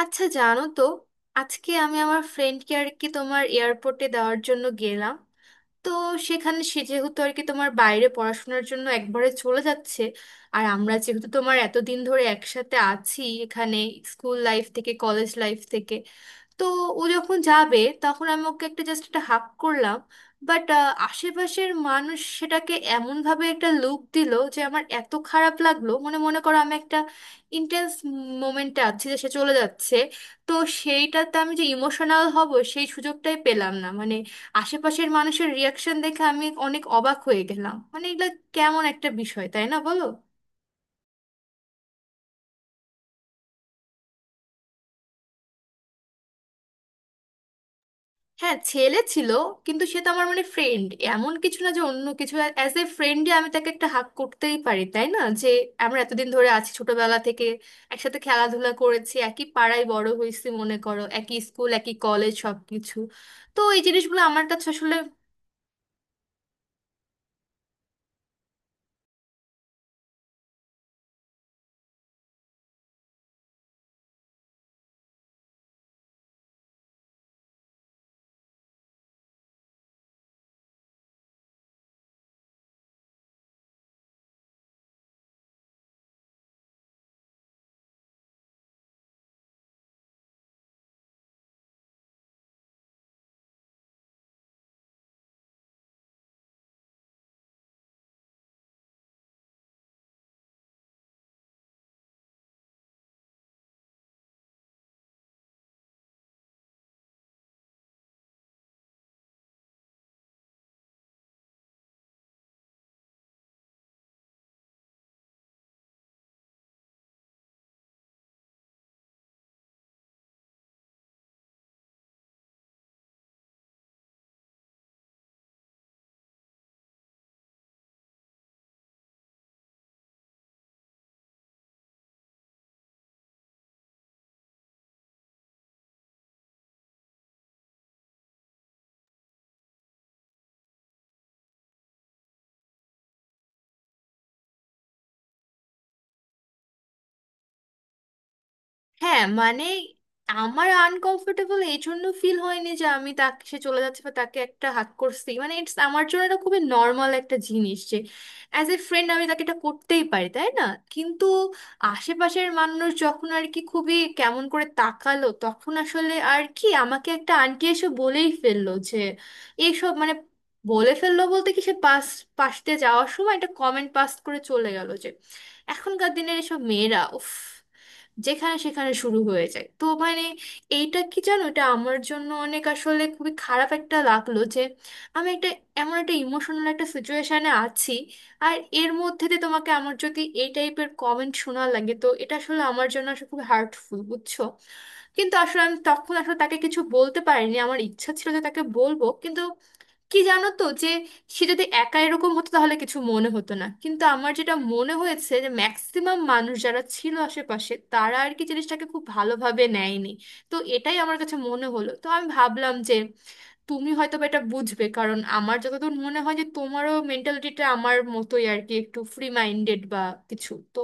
আচ্ছা, জানো তো, আজকে আমি আমার ফ্রেন্ডকে আর কি তোমার এয়ারপোর্টে দেওয়ার জন্য গেলাম। তো সেখানে সে যেহেতু আর কি তোমার বাইরে পড়াশোনার জন্য একবারে চলে যাচ্ছে, আর আমরা যেহেতু এতদিন ধরে একসাথে আছি এখানে, স্কুল লাইফ থেকে কলেজ লাইফ থেকে। তো ও যখন যাবে তখন আমি ওকে জাস্ট একটা হাক করলাম। বাট আশেপাশের মানুষ সেটাকে এমনভাবে একটা লুক দিল যে আমার এত খারাপ লাগলো, মনে মনে করো আমি একটা ইন্টেন্স মোমেন্টে আছি যে সে চলে যাচ্ছে। তো সেইটাতে আমি যে ইমোশনাল হব সেই সুযোগটাই পেলাম না, মানে আশেপাশের মানুষের রিয়াকশন দেখে আমি অনেক অবাক হয়ে গেলাম। মানে এগুলো কেমন একটা বিষয়, তাই না, বলো? হ্যাঁ, ছেলে ছিল। কিন্তু সে তো আমার মানে ফ্রেন্ড, এমন কিছু না যে অন্য কিছু। অ্যাজ এ ফ্রেন্ডে আমি তাকে একটা হাক করতেই পারি, তাই না? যে আমরা এতদিন ধরে আছি, ছোটবেলা থেকে একসাথে খেলাধুলা করেছি, একই পাড়ায় বড় হয়েছি, মনে করো একই স্কুল একই কলেজ সবকিছু। তো এই জিনিসগুলো আমার কাছে আসলে। হ্যাঁ মানে, আমার আনকমফোর্টেবল এই জন্য ফিল হয়নি যে আমি তাকে, সে চলে যাচ্ছে বা তাকে একটা হাত করছি, মানে ইটস, আমার জন্য এটা খুবই নর্মাল একটা জিনিস যে অ্যাজ এ ফ্রেন্ড আমি তাকে এটা করতেই পারি, তাই না? কিন্তু আশেপাশের মানুষ যখন আর কি খুবই কেমন করে তাকালো, তখন আসলে আর কি আমাকে একটা আন্টি এসে বলেই ফেললো যে এইসব মানে, বলে ফেললো বলতে কি, সে পাশ দিয়ে যাওয়ার সময় একটা কমেন্ট পাস করে চলে গেল যে এখনকার দিনের এসব মেয়েরা উফ, যেখানে সেখানে শুরু হয়ে যায়। তো মানে এইটা কি জানো, এটা আমার জন্য অনেক আসলে খুবই খারাপ একটা লাগলো যে আমি একটা, এমন একটা ইমোশনাল একটা সিচুয়েশনে আছি আর এর মধ্যে দিয়ে তোমাকে আমার যদি এই টাইপের কমেন্ট শোনা লাগে, তো এটা আসলে আমার জন্য আসলে খুব হার্টফুল, বুঝছো? কিন্তু আসলে আমি তখন আসলে তাকে কিছু বলতে পারিনি, আমার ইচ্ছা ছিল যে তাকে বলবো, কিন্তু কি জানো তো যে সে যদি একা এরকম হতো তাহলে কিছু মনে হতো না, কিন্তু আমার যেটা মনে হয়েছে যে ম্যাক্সিমাম মানুষ যারা ছিল আশেপাশে, তারা আর কি জিনিসটাকে খুব ভালোভাবে নেয়নি। তো এটাই আমার কাছে মনে হলো, তো আমি ভাবলাম যে তুমি হয়তো বা এটা বুঝবে, কারণ আমার যতদূর মনে হয় যে তোমারও মেন্টালিটিটা আমার মতোই, আর কি একটু ফ্রি মাইন্ডেড বা কিছু। তো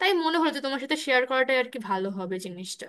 তাই মনে হলো যে তোমার সাথে শেয়ার করাটাই আর কি ভালো হবে জিনিসটা।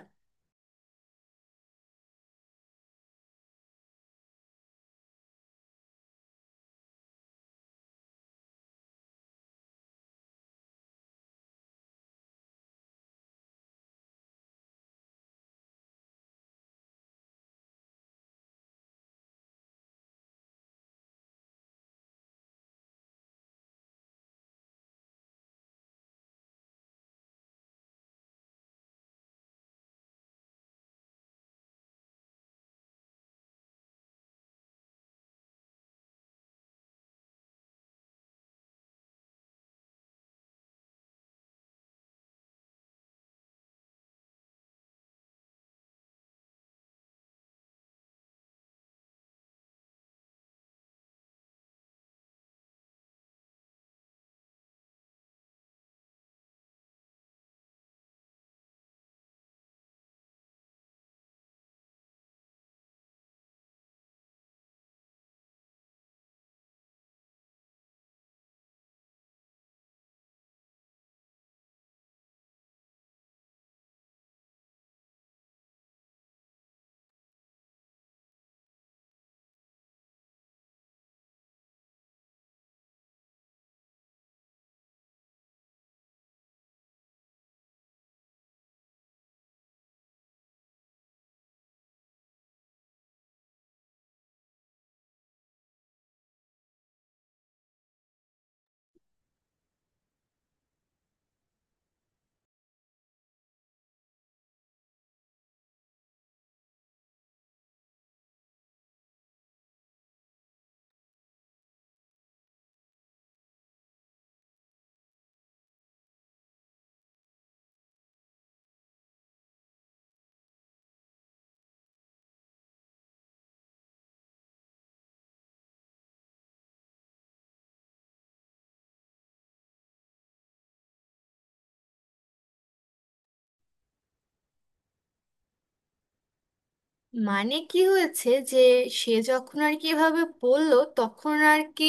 মানে কি হয়েছে যে সে যখন আর কি এভাবে বললো তখন আর কি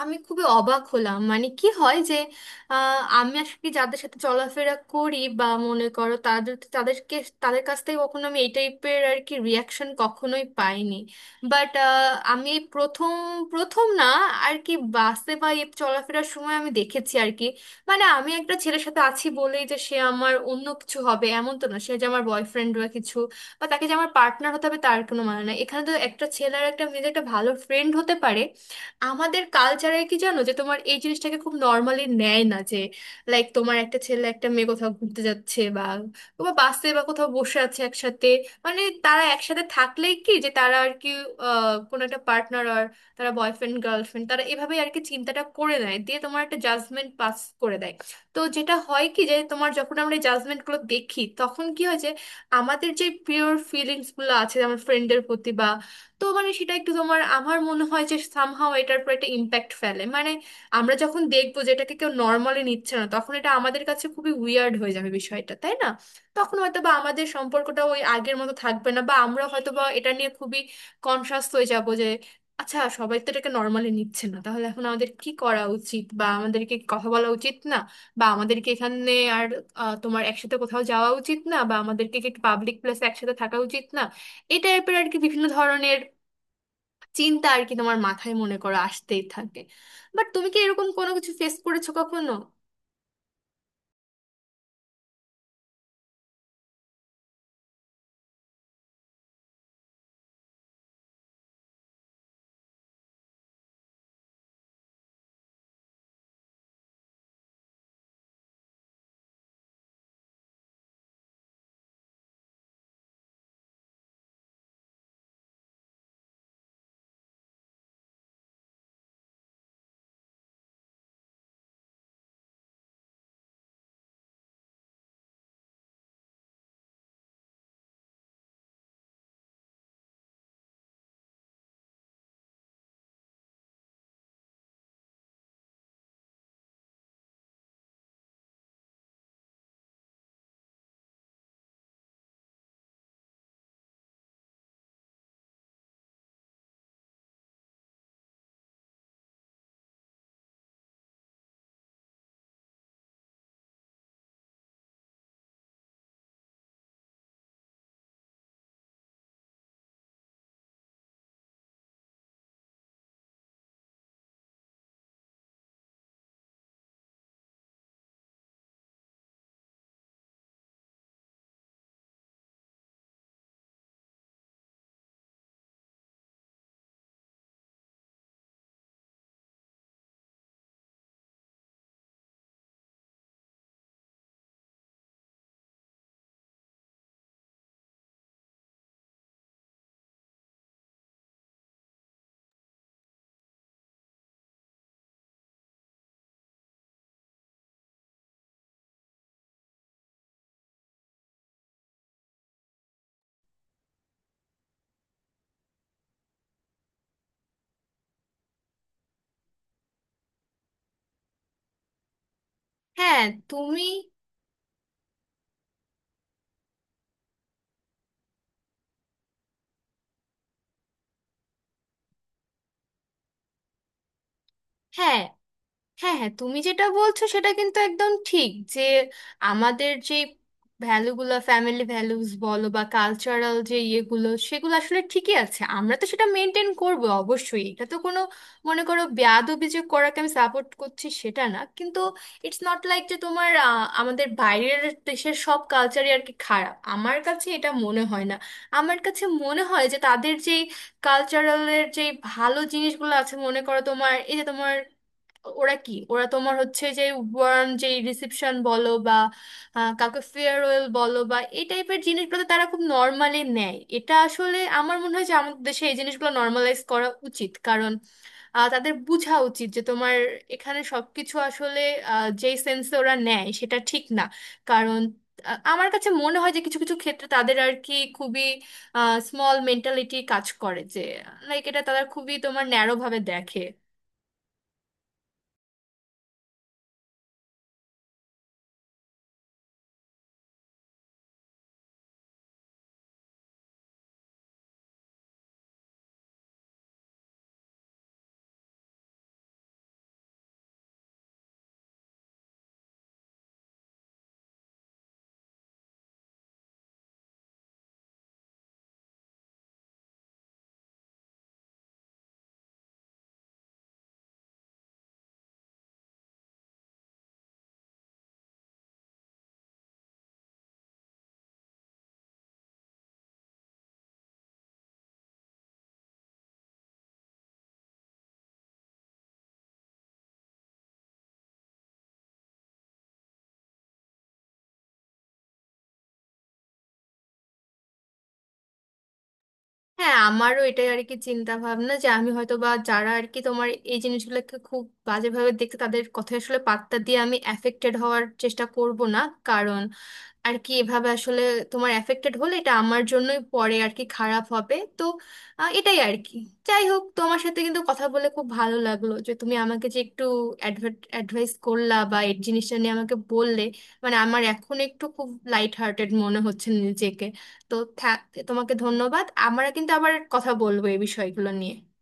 আমি খুবই অবাক হলাম। মানে কি হয় যে আমি আর কি যাদের সাথে চলাফেরা করি বা মনে করো, তাদেরকে তাদের কাছ থেকে কখনো আমি এই টাইপের আর কি রিয়াকশন কখনোই পাইনি। বাট আমি এই প্রথম, প্রথম না, আর কি বাসে বা এই চলাফেরার সময় আমি দেখেছি আর কি মানে আমি একটা ছেলের সাথে আছি বলেই যে সে আমার অন্য কিছু হবে এমন তো না, সে যে আমার বয়ফ্রেন্ড বা কিছু, বা তাকে যে আমার পার্টনার হতে হবে তার কোনো মানে না। এখানে তো একটা ছেলে আর একটা মেয়ে যে একটা ভালো ফ্রেন্ড হতে পারে। আমাদের কালচারে কি জানো, যে তোমার এই জিনিসটাকে খুব নর্মালি নেয় না, যে লাইক তোমার একটা ছেলে একটা মেয়ে কোথাও ঘুরতে যাচ্ছে বা বা বাসে বা কোথাও বসে আছে একসাথে, মানে তারা একসাথে থাকলেই কি যে তারা আর কি কোনো একটা পার্টনার আর, তারা বয়ফ্রেন্ড গার্লফ্রেন্ড, তারা এভাবেই আর কি চিন্তাটা করে নেয়, দিয়ে তোমার একটা জাজমেন্ট পাস করে দেয়। তো যেটা হয় কি যে তোমার যখন আমরা জাজমেন্ট গুলো দেখি তখন কি হয় যে আমাদের যে পিওর ফিলিংস গুলো আছে আমার ফ্রেন্ডের প্রতি বা, তো মানে সেটা একটু তোমার, আমার মনে হয় যে সামহাও এটার উপর একটা ইম্প্যাক্ট ফেলে, মানে আমরা যখন দেখবো যে এটাকে কেউ নর্মালি নিচ্ছে না, তখন এটা আমাদের কাছে খুবই উইয়ার্ড হয়ে যাবে বিষয়টা, তাই না? তখন হয়তো বা আমাদের সম্পর্কটা ওই আগের মতো থাকবে না, বা আমরা হয়তো বা এটা নিয়ে খুবই কনসাস হয়ে যাব যে আচ্ছা, সবাই তো এটাকে নর্মালি নিচ্ছে না, তাহলে এখন আমাদের কি করা উচিত, বা আমাদেরকে কথা বলা উচিত না, বা আমাদেরকে এখানে আর তোমার একসাথে কোথাও যাওয়া উচিত না, বা আমাদেরকে কি একটু পাবলিক প্লেসে একসাথে থাকা উচিত না, এই টাইপের আর কি বিভিন্ন ধরনের চিন্তা আর কি তোমার মাথায় মনে করো আসতেই থাকে। বাট তুমি কি এরকম কোনো কিছু ফেস করেছো কখনো? হ্যাঁ। তুমি। হ্যাঁ, হ্যাঁ, হ্যাঁ, তুমি যেটা বলছো সেটা কিন্তু একদম ঠিক, যে আমাদের যে ভ্যালুগুলো, ফ্যামিলি ভ্যালুস বলো বা কালচারাল যে ইয়েগুলো, সেগুলো আসলে ঠিকই আছে, আমরা তো সেটা মেনটেন করব অবশ্যই। এটা তো কোনো, মনে করো, বেয়াদবি যে করাকে আমি সাপোর্ট করছি সেটা না। কিন্তু ইটস নট লাইক যে তোমার আমাদের বাইরের দেশের সব কালচারই আর কি খারাপ, আমার কাছে এটা মনে হয় না। আমার কাছে মনে হয় যে তাদের যেই কালচারালের যে ভালো জিনিসগুলো আছে, মনে করো তোমার এই যে তোমার, ওরা কি ওরা তোমার হচ্ছে যে ওয়ার্ম যে রিসেপশন বলো বা কাউকে ফেয়ারওয়েল বলো, বা এই টাইপের জিনিসগুলো তারা খুব নর্মালি নেয়, এটা আসলে আমার মনে হয় যে আমাদের দেশে এই জিনিসগুলো নর্মালাইজ করা উচিত। কারণ তাদের বোঝা উচিত যে তোমার এখানে সবকিছু আসলে যেই সেন্সে ওরা নেয় সেটা ঠিক না। কারণ আমার কাছে মনে হয় যে কিছু কিছু ক্ষেত্রে তাদের আর কি খুবই স্মল মেন্টালিটি কাজ করে, যে লাইক এটা তারা খুবই তোমার ন্যারো ভাবে দেখে। হ্যাঁ, আমারও এটাই আর কি চিন্তা ভাবনা যে আমি হয়তো বা যারা আর কি তোমার এই জিনিসগুলোকে খুব বাজেভাবে দেখতে, তাদের কথা আসলে পাত্তা দিয়ে আমি অ্যাফেক্টেড হওয়ার চেষ্টা করব না। কারণ আর কি এভাবে আসলে তোমার এফেক্টেড হলে এটা আমার জন্যই পরে আর কি খারাপ হবে। তো এটাই আর কি যাই হোক, তোমার সাথে কিন্তু কথা বলে খুব ভালো লাগলো যে তুমি আমাকে যে একটু অ্যাডভাইস করলা বা এই জিনিসটা নিয়ে আমাকে বললে। মানে আমার এখন একটু খুব লাইট হার্টেড মনে হচ্ছে নিজেকে। তো তোমাকে ধন্যবাদ, আমরা কিন্তু আবার কথা বলবো এই বিষয়গুলো নিয়ে।